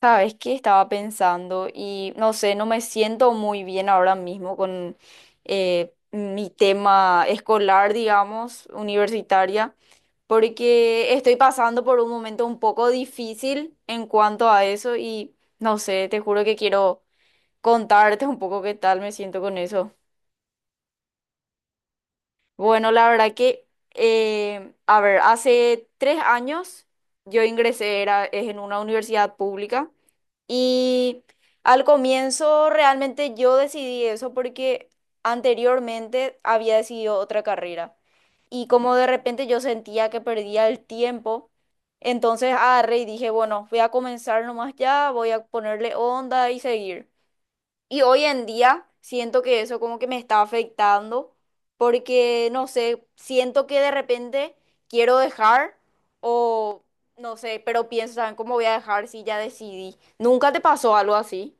Sabes que estaba pensando y no sé, no me siento muy bien ahora mismo con mi tema escolar, digamos, universitaria, porque estoy pasando por un momento un poco difícil en cuanto a eso y no sé, te juro que quiero contarte un poco qué tal me siento con eso. Bueno, la verdad que, a ver, hace 3 años yo es en una universidad pública. Y al comienzo realmente yo decidí eso porque anteriormente había decidido otra carrera. Y como de repente yo sentía que perdía el tiempo, entonces agarré y dije, bueno, voy a comenzar nomás ya, voy a ponerle onda y seguir. Y hoy en día siento que eso como que me está afectando porque, no sé, siento que de repente quiero dejar o no sé, pero pienso, ¿saben cómo voy a dejar si ya decidí? ¿Nunca te pasó algo así?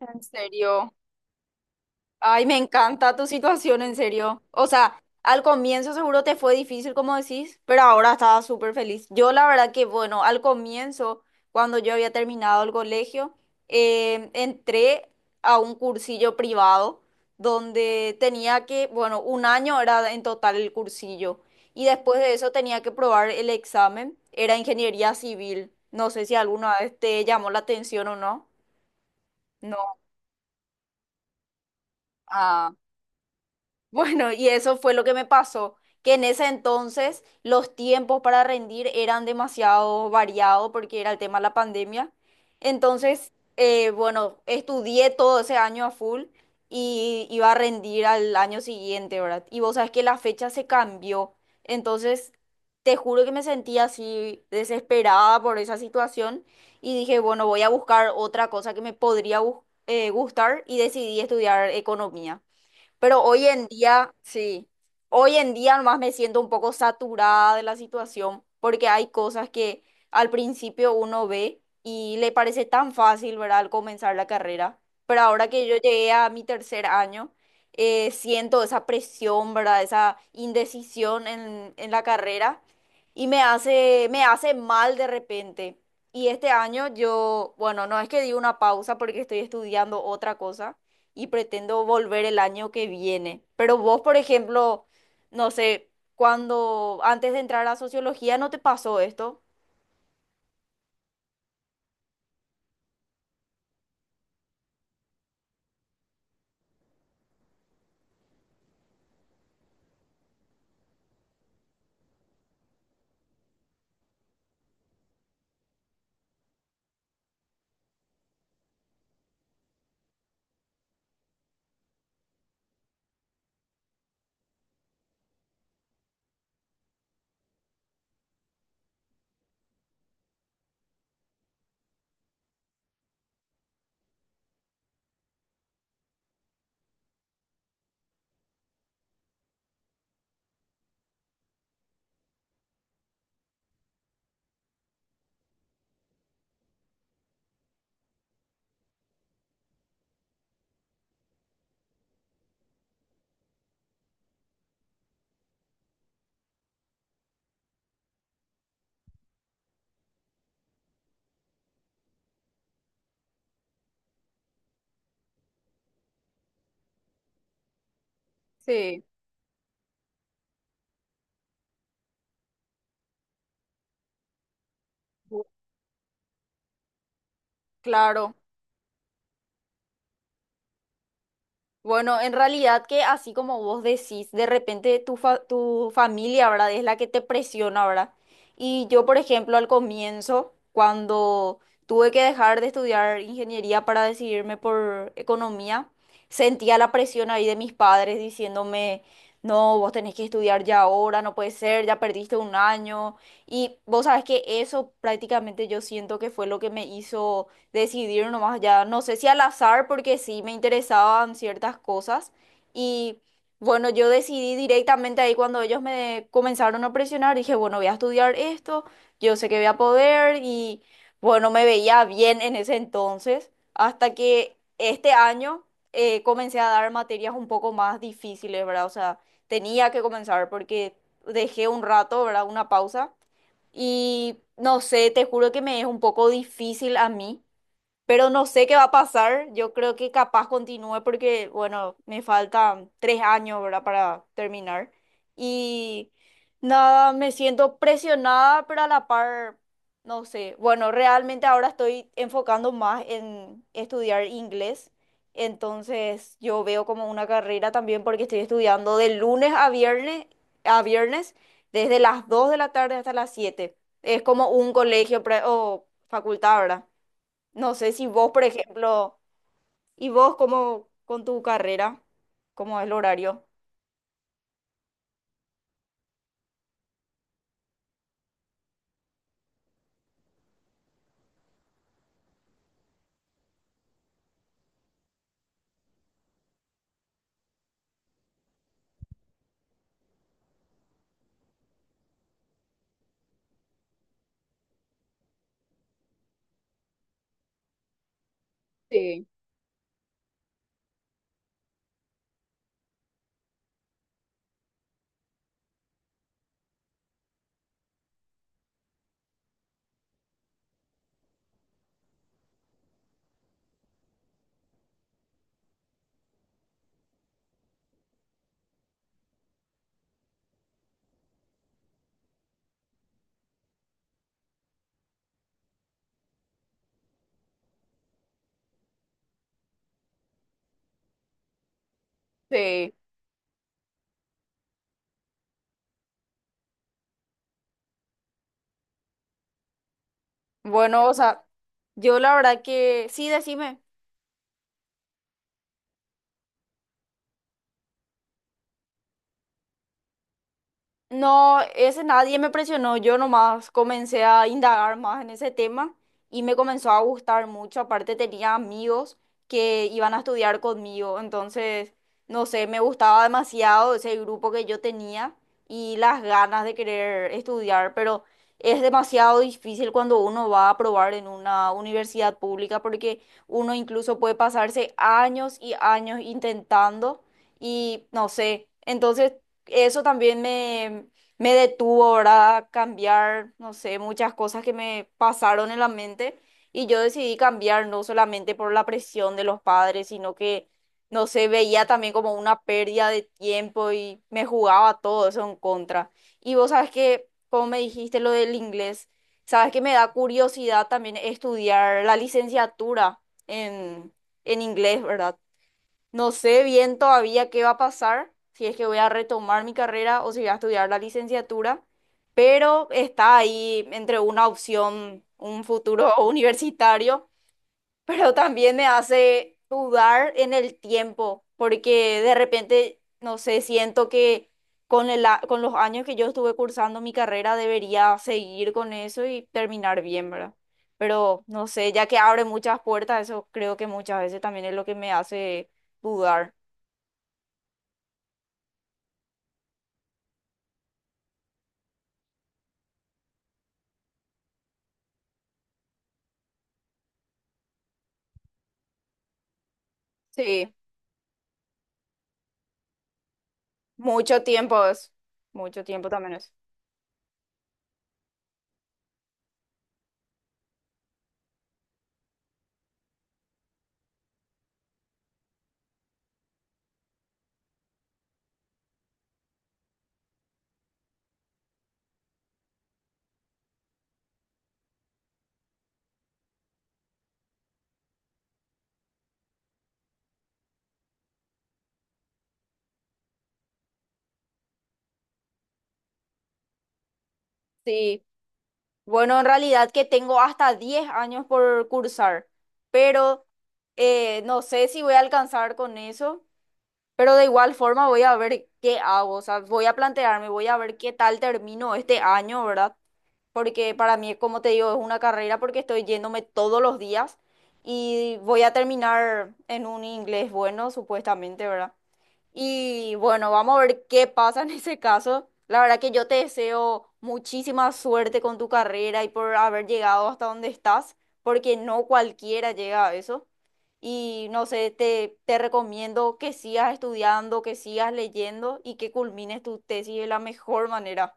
En serio. Ay, me encanta tu situación, en serio. O sea, al comienzo seguro te fue difícil, como decís, pero ahora estaba súper feliz. Yo la verdad que, bueno, al comienzo, cuando yo había terminado el colegio, entré a un cursillo privado donde tenía que, bueno, un año era en total el cursillo. Y después de eso tenía que probar el examen. Era ingeniería civil. No sé si alguna vez te llamó la atención o no. No. Ah. Bueno, y eso fue lo que me pasó, que en ese entonces los tiempos para rendir eran demasiado variados porque era el tema de la pandemia. Entonces, bueno, estudié todo ese año a full y iba a rendir al año siguiente, ¿verdad? Y vos sabés que la fecha se cambió. Entonces, te juro que me sentí así desesperada por esa situación y dije, bueno, voy a buscar otra cosa que me podría gustar y decidí estudiar economía. Pero hoy en día, sí, hoy en día nomás me siento un poco saturada de la situación porque hay cosas que al principio uno ve y le parece tan fácil, ¿verdad? Al comenzar la carrera. Pero ahora que yo llegué a mi tercer año, siento esa presión, ¿verdad? Esa indecisión en la carrera y me hace mal de repente. Y este año yo, bueno, no es que di una pausa porque estoy estudiando otra cosa y pretendo volver el año que viene. Pero vos, por ejemplo, no sé, cuando antes de entrar a sociología, ¿no te pasó esto? Sí, Bu- Claro. Bueno, en realidad que así como vos decís, de repente tu familia, ¿verdad? Es la que te presiona, ¿verdad? Y yo, por ejemplo, al comienzo, cuando tuve que dejar de estudiar ingeniería para decidirme por economía, sentía la presión ahí de mis padres diciéndome, no, vos tenés que estudiar ya ahora, no puede ser, ya perdiste un año. Y vos sabes que eso prácticamente yo siento que fue lo que me hizo decidir nomás ya, no sé si al azar, porque sí me interesaban ciertas cosas. Y bueno, yo decidí directamente ahí cuando ellos me comenzaron a presionar, dije, bueno, voy a estudiar esto, yo sé que voy a poder y bueno, me veía bien en ese entonces, hasta que este año comencé a dar materias un poco más difíciles, ¿verdad? O sea, tenía que comenzar porque dejé un rato, ¿verdad? Una pausa. Y no sé, te juro que me es un poco difícil a mí, pero no sé qué va a pasar. Yo creo que capaz continúe porque, bueno, me faltan 3 años, ¿verdad? Para terminar. Y nada, me siento presionada, pero a la par, no sé. Bueno, realmente ahora estoy enfocando más en estudiar inglés. Entonces yo veo como una carrera también porque estoy estudiando de lunes a viernes, a viernes, desde las 2:00 de la tarde hasta las 7:00. Es como un colegio o facultad, ¿verdad? No sé si vos, por ejemplo, y vos cómo con tu carrera, cómo es el horario. Sí. Bueno, o sea, yo la verdad que sí, decime. No, ese nadie me presionó, yo nomás comencé a indagar más en ese tema y me comenzó a gustar mucho, aparte tenía amigos que iban a estudiar conmigo, entonces, no sé, me gustaba demasiado ese grupo que yo tenía y las ganas de querer estudiar, pero es demasiado difícil cuando uno va a probar en una universidad pública porque uno incluso puede pasarse años y años intentando y no sé, entonces eso me detuvo, ¿verdad? A cambiar, no sé, muchas cosas que me pasaron en la mente y yo decidí cambiar no solamente por la presión de los padres, sino que, no sé, veía también como una pérdida de tiempo y me jugaba todo eso en contra. Y vos sabes que, como me dijiste lo del inglés, sabes que me da curiosidad también estudiar la licenciatura en, en inglés, ¿verdad? No sé bien todavía qué va a pasar, si es que voy a retomar mi carrera o si voy a estudiar la licenciatura, pero está ahí entre una opción, un futuro universitario, pero también me hace dudar en el tiempo, porque de repente, no sé, siento que con los años que yo estuve cursando mi carrera debería seguir con eso y terminar bien, ¿verdad? Pero no sé, ya que abre muchas puertas, eso creo que muchas veces también es lo que me hace dudar. Sí, mucho tiempo es. Mucho tiempo también es. Sí, bueno, en realidad que tengo hasta 10 años por cursar, pero no sé si voy a alcanzar con eso, pero de igual forma voy a ver qué hago, o sea, voy a plantearme, voy a ver qué tal termino este año, ¿verdad? Porque para mí, como te digo, es una carrera porque estoy yéndome todos los días y voy a terminar en un inglés bueno, supuestamente, ¿verdad? Y bueno, vamos a ver qué pasa en ese caso. La verdad que yo te deseo muchísima suerte con tu carrera y por haber llegado hasta donde estás, porque no cualquiera llega a eso. Y no sé, te recomiendo que sigas estudiando, que sigas leyendo y que culmines tu tesis de la mejor manera.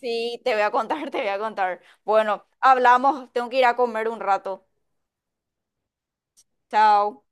Sí, te voy a contar, te voy a contar. Bueno, hablamos, tengo que ir a comer un rato. Chao.